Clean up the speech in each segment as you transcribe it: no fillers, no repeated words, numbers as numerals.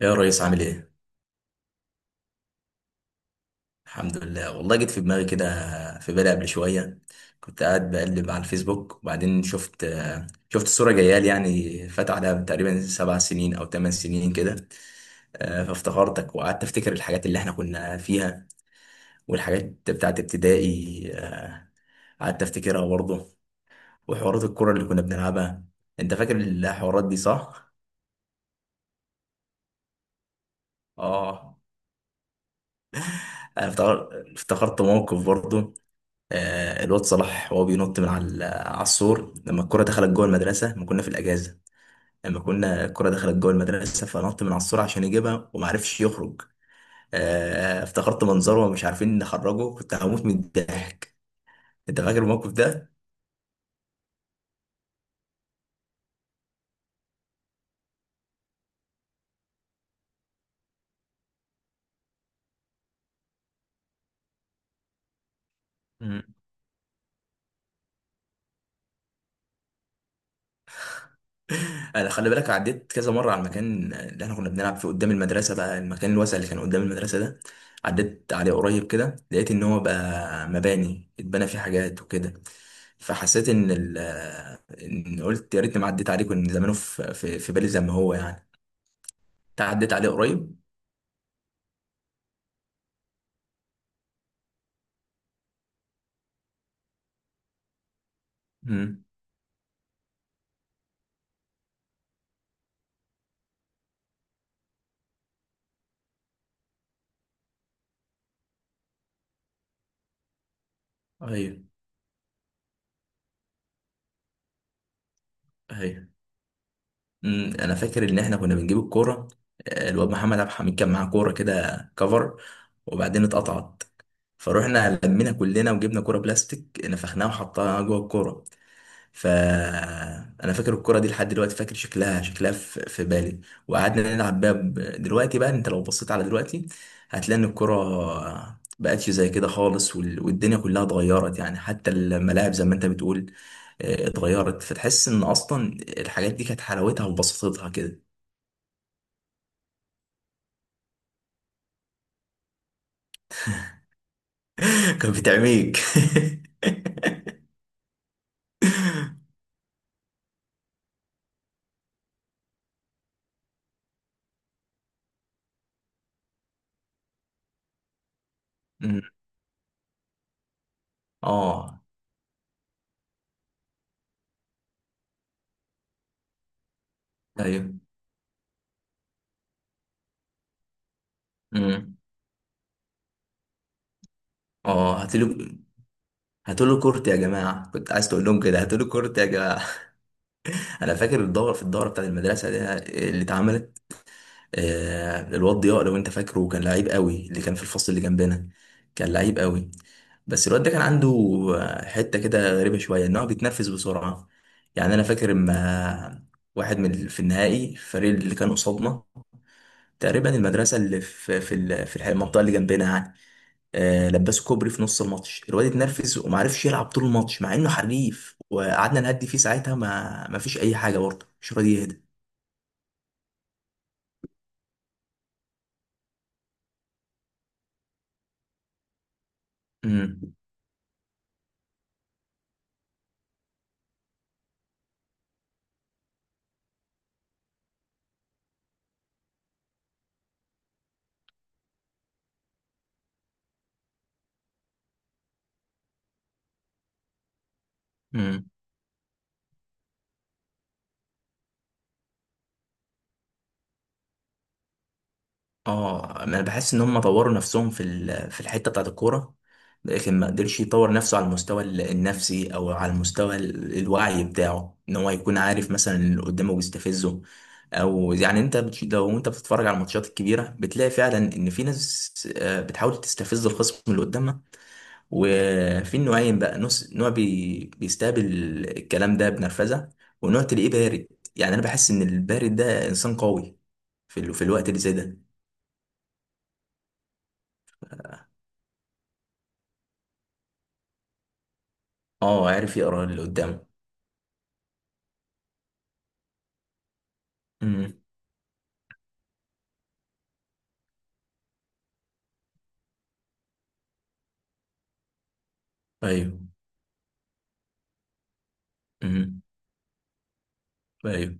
يا ريس، عامل ايه؟ الحمد لله والله، جيت في دماغي كده. في بالي قبل شوية. كنت قاعد بقلب على الفيسبوك وبعدين شفت صورة جايالي، يعني فات عليها تقريبا 7 سنين أو 8 سنين كده. فافتكرتك وقعدت أفتكر الحاجات اللي احنا كنا فيها والحاجات بتاعت ابتدائي. قعدت أفتكرها برضه، وحوارات الكرة اللي كنا بنلعبها. أنت فاكر الحوارات دي صح؟ آه. أنا افتكرت موقف برضه. الواد صلاح وهو بينط من على السور لما الكرة دخلت جوه المدرسة، لما كنا في الأجازة. لما كنا الكرة دخلت جوه المدرسة فنط من على السور عشان يجيبها وما عرفش يخرج. افتكرت منظره ومش عارفين نخرجه، كنت هموت من الضحك. أنت فاكر الموقف ده؟ انا خلي بالك، عديت كذا مره على المكان اللي احنا كنا بنلعب فيه قدام المدرسه، بقى المكان الواسع اللي كان قدام المدرسه ده. عديت عليه قريب كده، لقيت ان هو بقى مباني اتبنى فيه حاجات وكده. فحسيت ان ال آه، ان قلت يا ريتني ما عديت عليه، كان زمانه في بالي زي ما هو يعني. انت عديت عليه قريب. امم. ايوه، ايوه. امم. انا فاكر ان احنا كنا بنجيب الكوره. الواد محمد عبد الحميد كان معاه كوره كده كفر، وبعدين اتقطعت. فروحنا لمينا كلنا وجبنا كوره بلاستيك نفخناها وحطها جوه الكوره. ف انا فاكر الكوره دي لحد دلوقتي، فاكر شكلها في بالي. وقعدنا نلعب بيها. دلوقتي بقى، انت لو بصيت على دلوقتي هتلاقي ان الكوره بقتش زي كده خالص، والدنيا كلها اتغيرت يعني، حتى الملاعب زي ما انت بتقول. اتغيرت، فتحس ان اصلا الحاجات دي كانت حلاوتها وبساطتها كده. كانت بتعميك. أمم. اه. ايوه. أمم. اه، هاتولي. هاتولي كورت يا جماعه، كنت عايز تقول لهم كده، هاتولي كورت يا جماعه. انا فاكر الدوره، في الدوره بتاعت المدرسه دي اللي اتعملت. الواد ضياء لو انت فاكره، كان لعيب قوي، اللي كان في الفصل اللي جنبنا. كان لعيب قوي. بس الواد ده كان عنده حته كده غريبه شويه، ان هو بيتنفس بسرعه. يعني انا فاكر اما واحد من في النهائي الفريق اللي كان قصادنا، تقريبا المدرسه اللي في المنطقه اللي جنبنا يعني. لبسه كوبري في نص الماتش، الواد اتنرفز وما عرفش يلعب طول الماتش مع انه حريف، وقعدنا نهدي فيه ساعتها ما فيش اي حاجه، برضه مش راضي يهدى. امم. امم. اه، انا بحس ان هم طوروا نفسهم في في الحته بتاعت الكوره، لكن ما قدرش يطور نفسه على المستوى النفسي او على المستوى الوعي بتاعه، ان هو يكون عارف مثلا اللي قدامه بيستفزه. او يعني انت لو انت بتتفرج على الماتشات الكبيره، بتلاقي فعلا ان في ناس بتحاول تستفز الخصم اللي قدامها. وفي نوعين بقى، نص نوع بيستقبل الكلام ده بنرفزه، ونوع تلاقيه بارد. يعني انا بحس ان البارد ده انسان قوي في في الوقت اللي زي ده. اه، عارف يقرا اللي قدامه. امم. ايوه. امم. ايوه.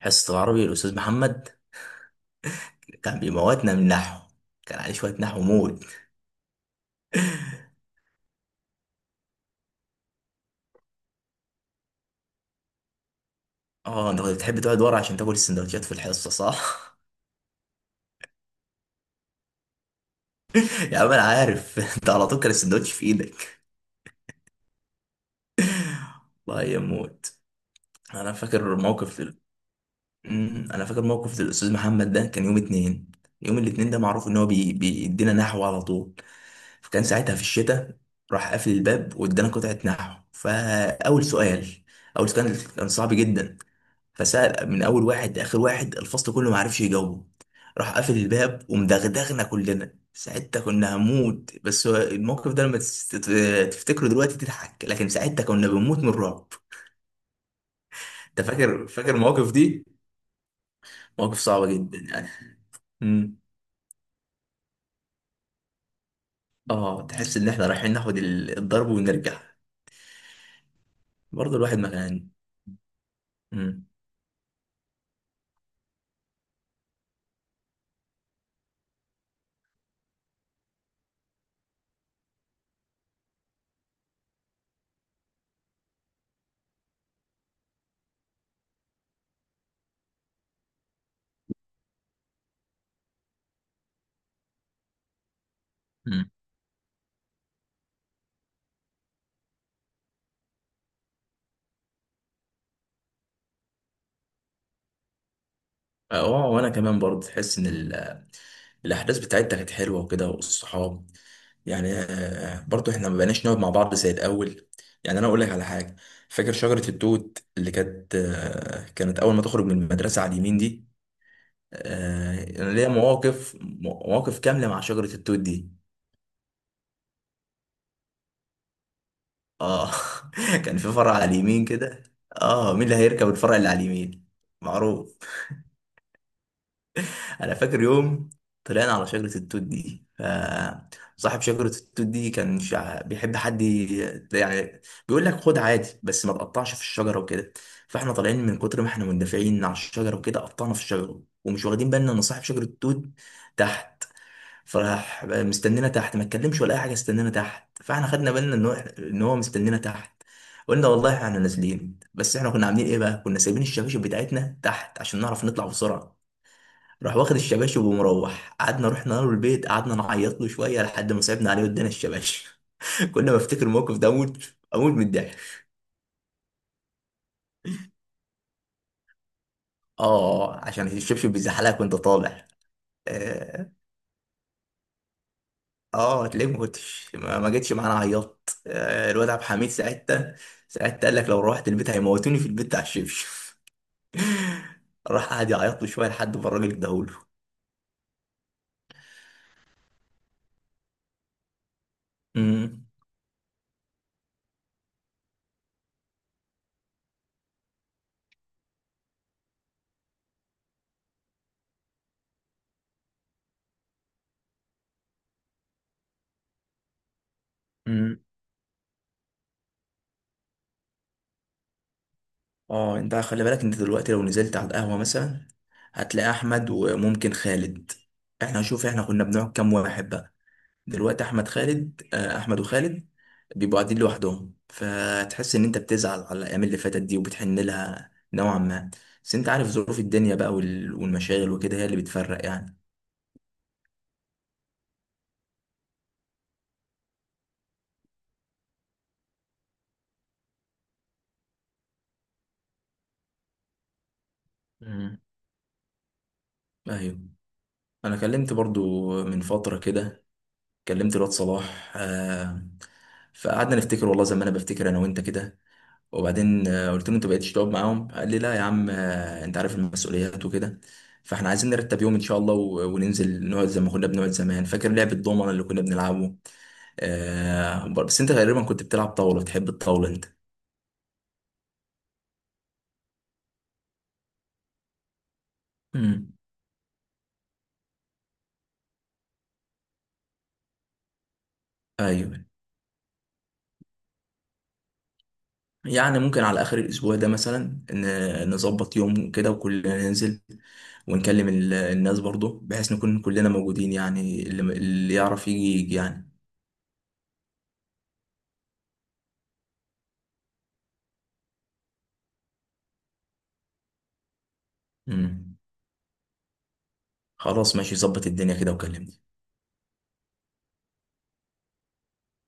حصة العربي، الأستاذ محمد كان بيموتنا من النحو، كان عليه شوية نحو موت. اه، انت كنت بتحب تقعد ورا عشان تاكل السندوتشات في الحصة صح؟ يا عم انا عارف. انت على طول كان السندوتش في ايدك. الله يموت. انا فاكر موقف انا فاكر موقف للأستاذ محمد ده، كان يوم اتنين. يوم الاتنين ده معروف ان هو بيدينا نحو على طول. فكان ساعتها في الشتاء، راح قافل الباب وادانا قطعة نحو. فأول سؤال، أول سؤال كان صعب جدا. فسأل من أول واحد لآخر واحد، الفصل كله ما عرفش يجاوبه. راح قافل الباب ومدغدغنا كلنا ساعتها، كنا هنموت. بس هو الموقف ده لما تفتكره دلوقتي تضحك، لكن ساعتها كنا بنموت من الرعب. انت فاكر المواقف دي، مواقف صعبة جدا يعني. امم. اه، تحس ان احنا رايحين ناخد الضرب ونرجع. برضه الواحد مكان. اه، وانا كمان برضه تحس ان الاحداث بتاعتها كانت حلوه وكده، والصحاب يعني. برضه احنا ما بقيناش نقعد مع بعض زي الاول. يعني انا اقول لك على حاجه، فاكر شجره التوت اللي كانت اول ما تخرج من المدرسه على اليمين دي. انا ليا مواقف كامله مع شجره التوت دي. اه. كان في فرع على اليمين كده. اه، مين اللي هيركب الفرع اللي على اليمين، معروف. انا فاكر يوم طلعنا على شجره التوت دي، فصاحب شجره التوت دي كان بيحب حد يعني بيقول لك خد عادي بس ما تقطعش في الشجره وكده. فاحنا طالعين من كتر ما احنا مندفعين على الشجره وكده، قطعنا في الشجره ومش واخدين بالنا ان صاحب شجره التوت تحت. فراح مستنينا تحت، ما اتكلمش ولا اي حاجه، استنانا تحت. فاحنا خدنا بالنا ان هو مستنينا تحت. قلنا والله احنا نازلين، بس احنا كنا عاملين ايه بقى، كنا سايبين الشباشب بتاعتنا تحت عشان نعرف نطلع بسرعه. راح واخد الشباشب ومروح، قعدنا رحنا له البيت، قعدنا نعيط له شويه لحد ما صعبنا عليه وادانا الشباشب. كل ما افتكر الموقف ده اموت اموت من الضحك. اه، عشان الشبشب بيزحلقك وانت طالع. اه. هتلاقيك ما جيتش معانا، عيطت. آه، الواد عبد الحميد ساعتها، ساعتها قال لك لو روحت البيت هيموتوني في البيت بتاع الشبشب. راح قعد يعيط له شويه لحد ما الراجل اداهوله. أمم. اه انت خلي بالك، انت دلوقتي لو نزلت على القهوة مثلا هتلاقي احمد وممكن خالد، احنا شوف احنا كنا بنقعد كام واحد بقى. دلوقتي احمد خالد، احمد وخالد بيبقوا قاعدين لوحدهم. فتحس ان انت بتزعل على الايام اللي فاتت دي وبتحن لها نوعا ما، بس انت عارف ظروف الدنيا بقى والمشاغل وكده، هي اللي بتفرق يعني. مم. ايوه. انا كلمت برضو من فتره كده، كلمت الواد صلاح. فقعدنا نفتكر والله زي ما انا بفتكر انا وانت كده. وبعدين قلت له انت بقيتش تقعد معاهم. قال لي لا يا عم، انت عارف المسؤوليات وكده. فاحنا عايزين نرتب يوم ان شاء الله وننزل نقعد زي ما كنا بنقعد زمان. فاكر لعبة الضومنة اللي كنا بنلعبه؟ آه، بس انت غالبا كنت بتلعب طاولة، بتحب الطاولة انت. امم. ايوه. يعني ممكن على اخر الاسبوع ده مثلا نظبط يوم كده وكلنا ننزل، ونكلم الناس برضو بحيث نكون كلنا موجودين، يعني اللي يعرف يجي يجي يعني. امم. خلاص ماشي، ظبط الدنيا كده وكلمني.